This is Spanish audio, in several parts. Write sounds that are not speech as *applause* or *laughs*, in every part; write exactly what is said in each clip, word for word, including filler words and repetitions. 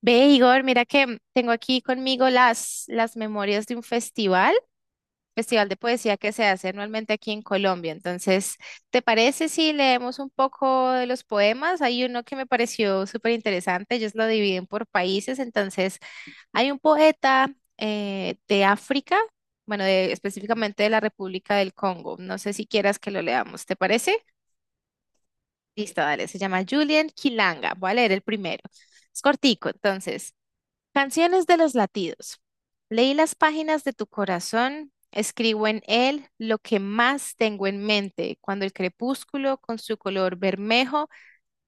Ve, Igor, mira que tengo aquí conmigo las, las memorias de un festival, festival de poesía que se hace anualmente aquí en Colombia. Entonces, ¿te parece si leemos un poco de los poemas? Hay uno que me pareció súper interesante, ellos lo dividen por países. Entonces, hay un poeta eh, de África, bueno, de- específicamente de la República del Congo. No sé si quieras que lo leamos, ¿te parece? Listo, dale, se llama Julian Kilanga. Voy a leer el primero. Es cortico, entonces. Canciones de los latidos. Leí las páginas de tu corazón, escribo en él lo que más tengo en mente, cuando el crepúsculo con su color bermejo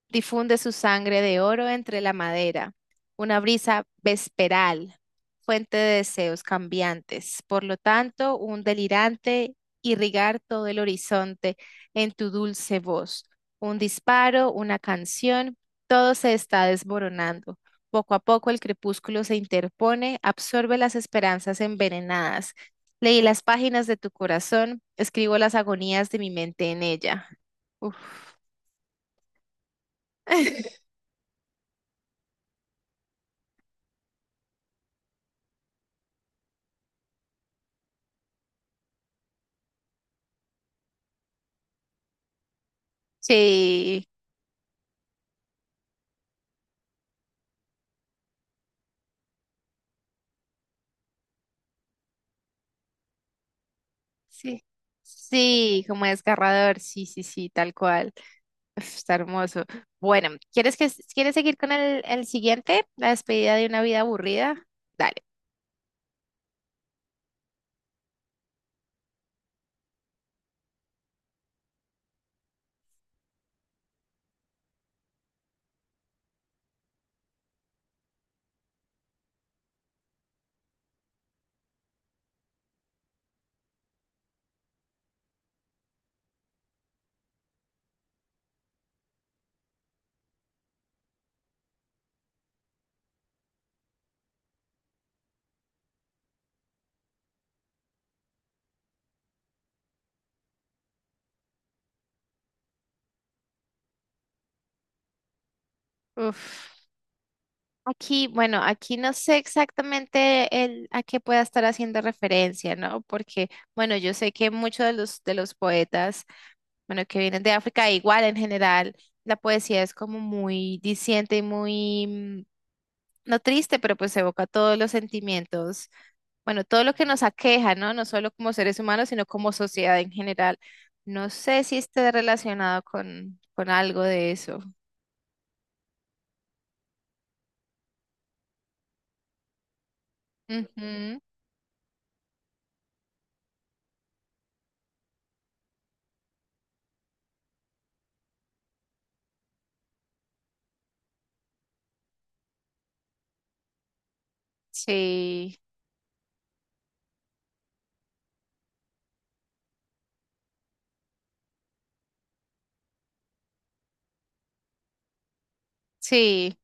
difunde su sangre de oro entre la madera, una brisa vesperal, fuente de deseos cambiantes. Por lo tanto, un delirante irrigar todo el horizonte en tu dulce voz. Un disparo, una canción, todo se está desmoronando. Poco a poco el crepúsculo se interpone, absorbe las esperanzas envenenadas. Leí las páginas de tu corazón, escribo las agonías de mi mente en ella. Uf. *laughs* Sí. Sí. Sí, como desgarrador, sí, sí, sí, tal cual. Uf, está hermoso. Bueno, ¿quieres que quieres seguir con el, el siguiente? La despedida de una vida aburrida. Dale. Uf. Aquí, bueno, aquí no sé exactamente el, a qué pueda estar haciendo referencia, ¿no? Porque, bueno, yo sé que muchos de los, de los poetas, bueno, que vienen de África, igual en general, la poesía es como muy diciente y muy, mm, no triste, pero pues evoca todos los sentimientos bueno, todo lo que nos aqueja, ¿no? No solo como seres humanos, sino como sociedad en general. No sé si esté relacionado con, con algo de eso. Ujú, sí, sí,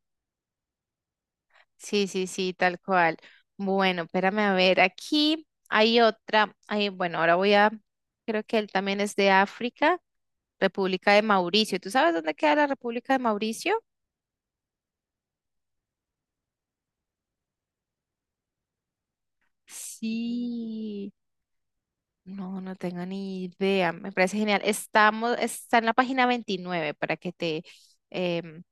sí, sí, sí, tal cual. Bueno, espérame a ver, aquí hay otra, hay, bueno, ahora voy a, creo que él también es de África, República de Mauricio. ¿Tú sabes dónde queda la República de Mauricio? Sí. No, no tengo ni idea. Me parece genial. Estamos, está en la página veintinueve para que te... em,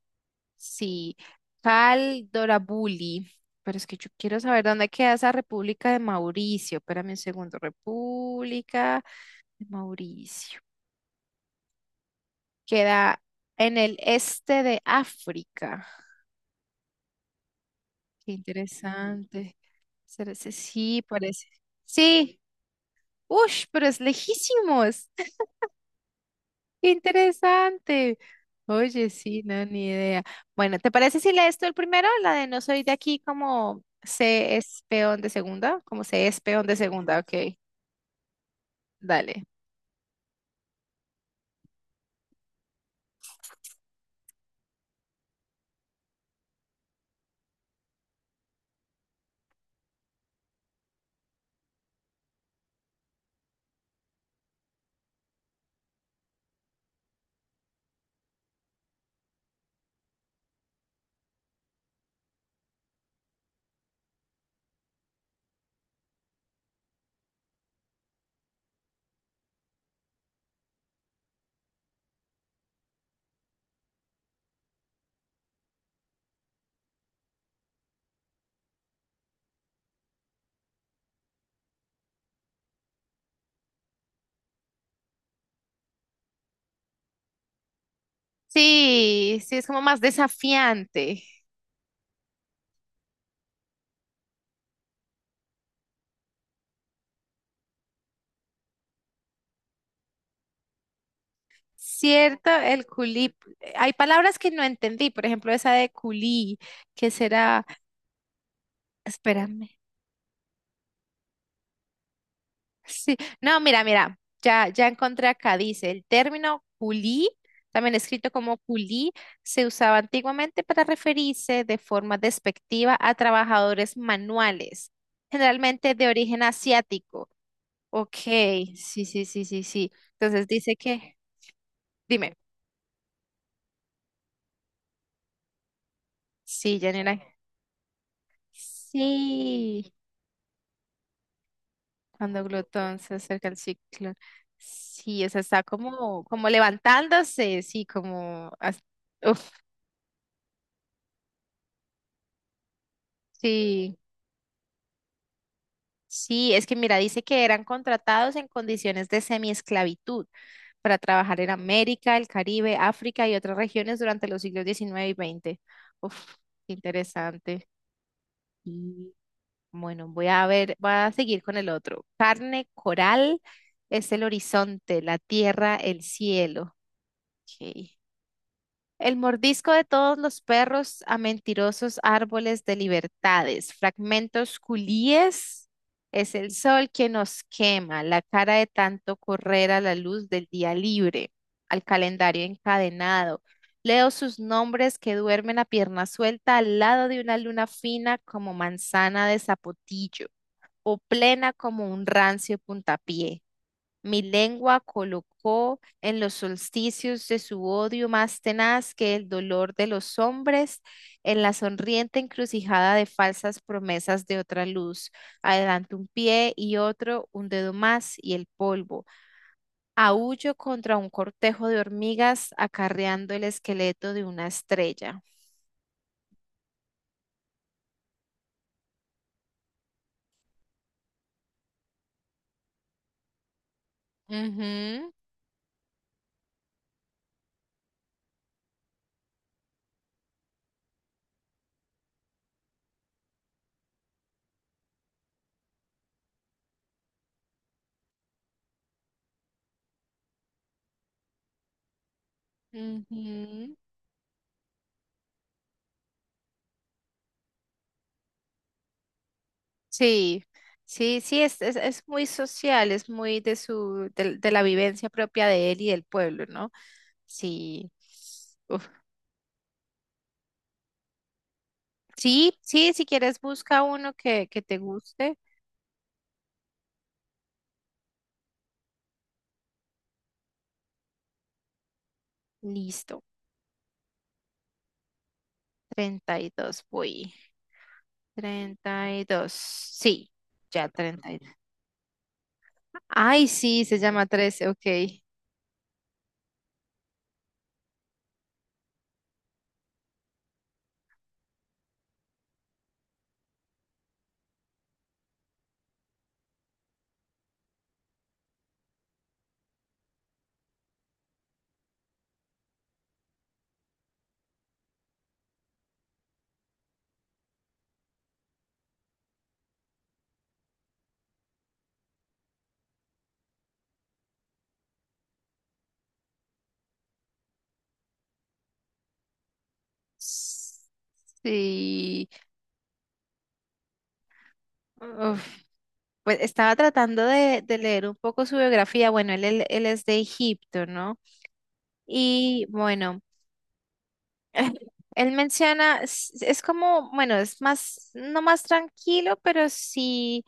sí, Cal Dorabuli. Pero es que yo quiero saber dónde queda esa República de Mauricio. Espérame un segundo. República de Mauricio. Queda en el este de África. Qué interesante. Será ese- Sí, parece. Sí. Ush, pero es lejísimos. ¡Qué interesante! Oye, sí, no, ni idea. Bueno, ¿te parece si lees tú el primero? La de no soy de aquí como se es peón de segunda, como se es peón de segunda, ok, dale. Sí, sí, es como más desafiante. Cierto, el culí. Hay palabras que no entendí, por ejemplo, esa de culí, que será, espérame. Sí, no, mira, mira, ya, ya encontré acá, dice, el término culí, también escrito como culí, se usaba antiguamente para referirse de forma despectiva a trabajadores manuales, generalmente de origen asiático. Ok, sí, sí, sí, sí, sí. Entonces dice que, dime, sí, Janina. Sí, cuando glotón se acerca al ciclo. Sí, o sea, está como, como levantándose, sí, como, as- uf, sí. Sí, es que mira, dice que eran contratados en condiciones de semiesclavitud para trabajar en América, el Caribe, África y otras regiones durante los siglos diecinueve y veinte. Uf, qué interesante. Y bueno, voy a ver, voy a seguir con el otro. Carne coral es el horizonte, la tierra, el cielo. Ok. El mordisco de todos los perros a mentirosos árboles de libertades, fragmentos culíes, es el sol que nos quema, la cara de tanto correr a la luz del día libre, al calendario encadenado. Leo sus nombres que duermen a pierna suelta al lado de una luna fina como manzana de zapotillo o plena como un rancio puntapié. Mi lengua colocó en los solsticios de su odio más tenaz que el dolor de los hombres, en la sonriente encrucijada de falsas promesas de otra luz. Adelante un pie y otro, un dedo más y el polvo. Aúllo contra un cortejo de hormigas acarreando el esqueleto de una estrella. Ujú, ujú. Sí, sí, sí, es, es, es muy social, es muy de su, del- de, la vivencia propia de él y del pueblo, ¿no? Sí. Uf. Sí, sí, si quieres busca uno que, que te guste. Listo. Treinta y dos, voy. Treinta y dos, sí, ya treinta y dos. Ay, sí, se llama trece, ok. Sí. Uf, pues estaba tratando de, de leer un poco su biografía. Bueno, él, él, él es de Egipto, ¿no? Y bueno, *laughs* él menciona, es, es como, bueno, es más, no más tranquilo, pero sí,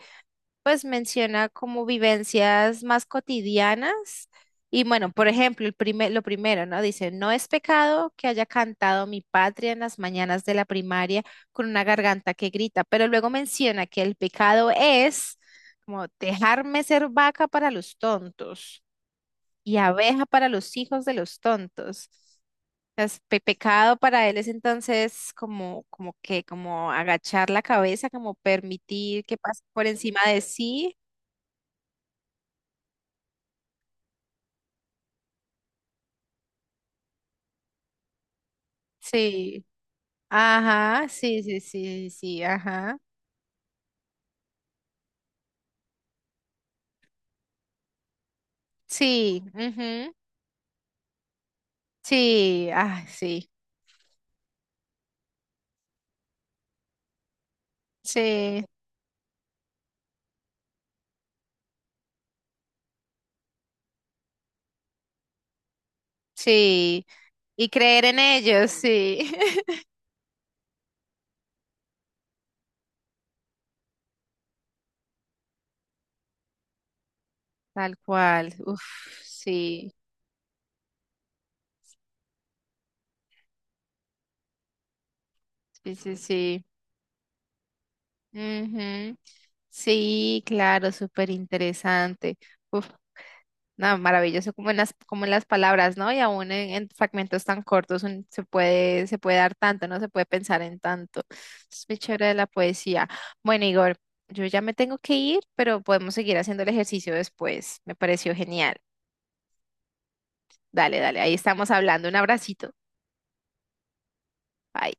pues menciona como vivencias más cotidianas. Y bueno, por ejemplo, el primer, lo primero, ¿no? Dice, no es pecado que haya cantado mi patria en las mañanas de la primaria con una garganta que grita, pero luego menciona que el pecado es como dejarme ser vaca para los tontos y abeja para los hijos de los tontos es pe- pecado para él es entonces como, como que, como agachar la cabeza, como permitir que pase por encima de sí. Sí. Ajá, sí, sí, sí, sí, ajá. Sí, ujú, sí, ah, sí, sí, sí. Y creer en ellos, sí. *laughs* Tal cual. Uf, sí, sí, sí, sí. Ujú. Sí, claro, súper interesante. No, maravilloso como en las, como en las palabras, ¿no? Y aún en, en fragmentos tan cortos un- se puede, se puede dar tanto, ¿no? Se puede pensar en tanto. Es muy chévere de la poesía. Bueno, Igor, yo ya me tengo que ir, pero podemos seguir haciendo el ejercicio después. Me pareció genial. Dale, dale, ahí estamos hablando. Un abracito. Bye.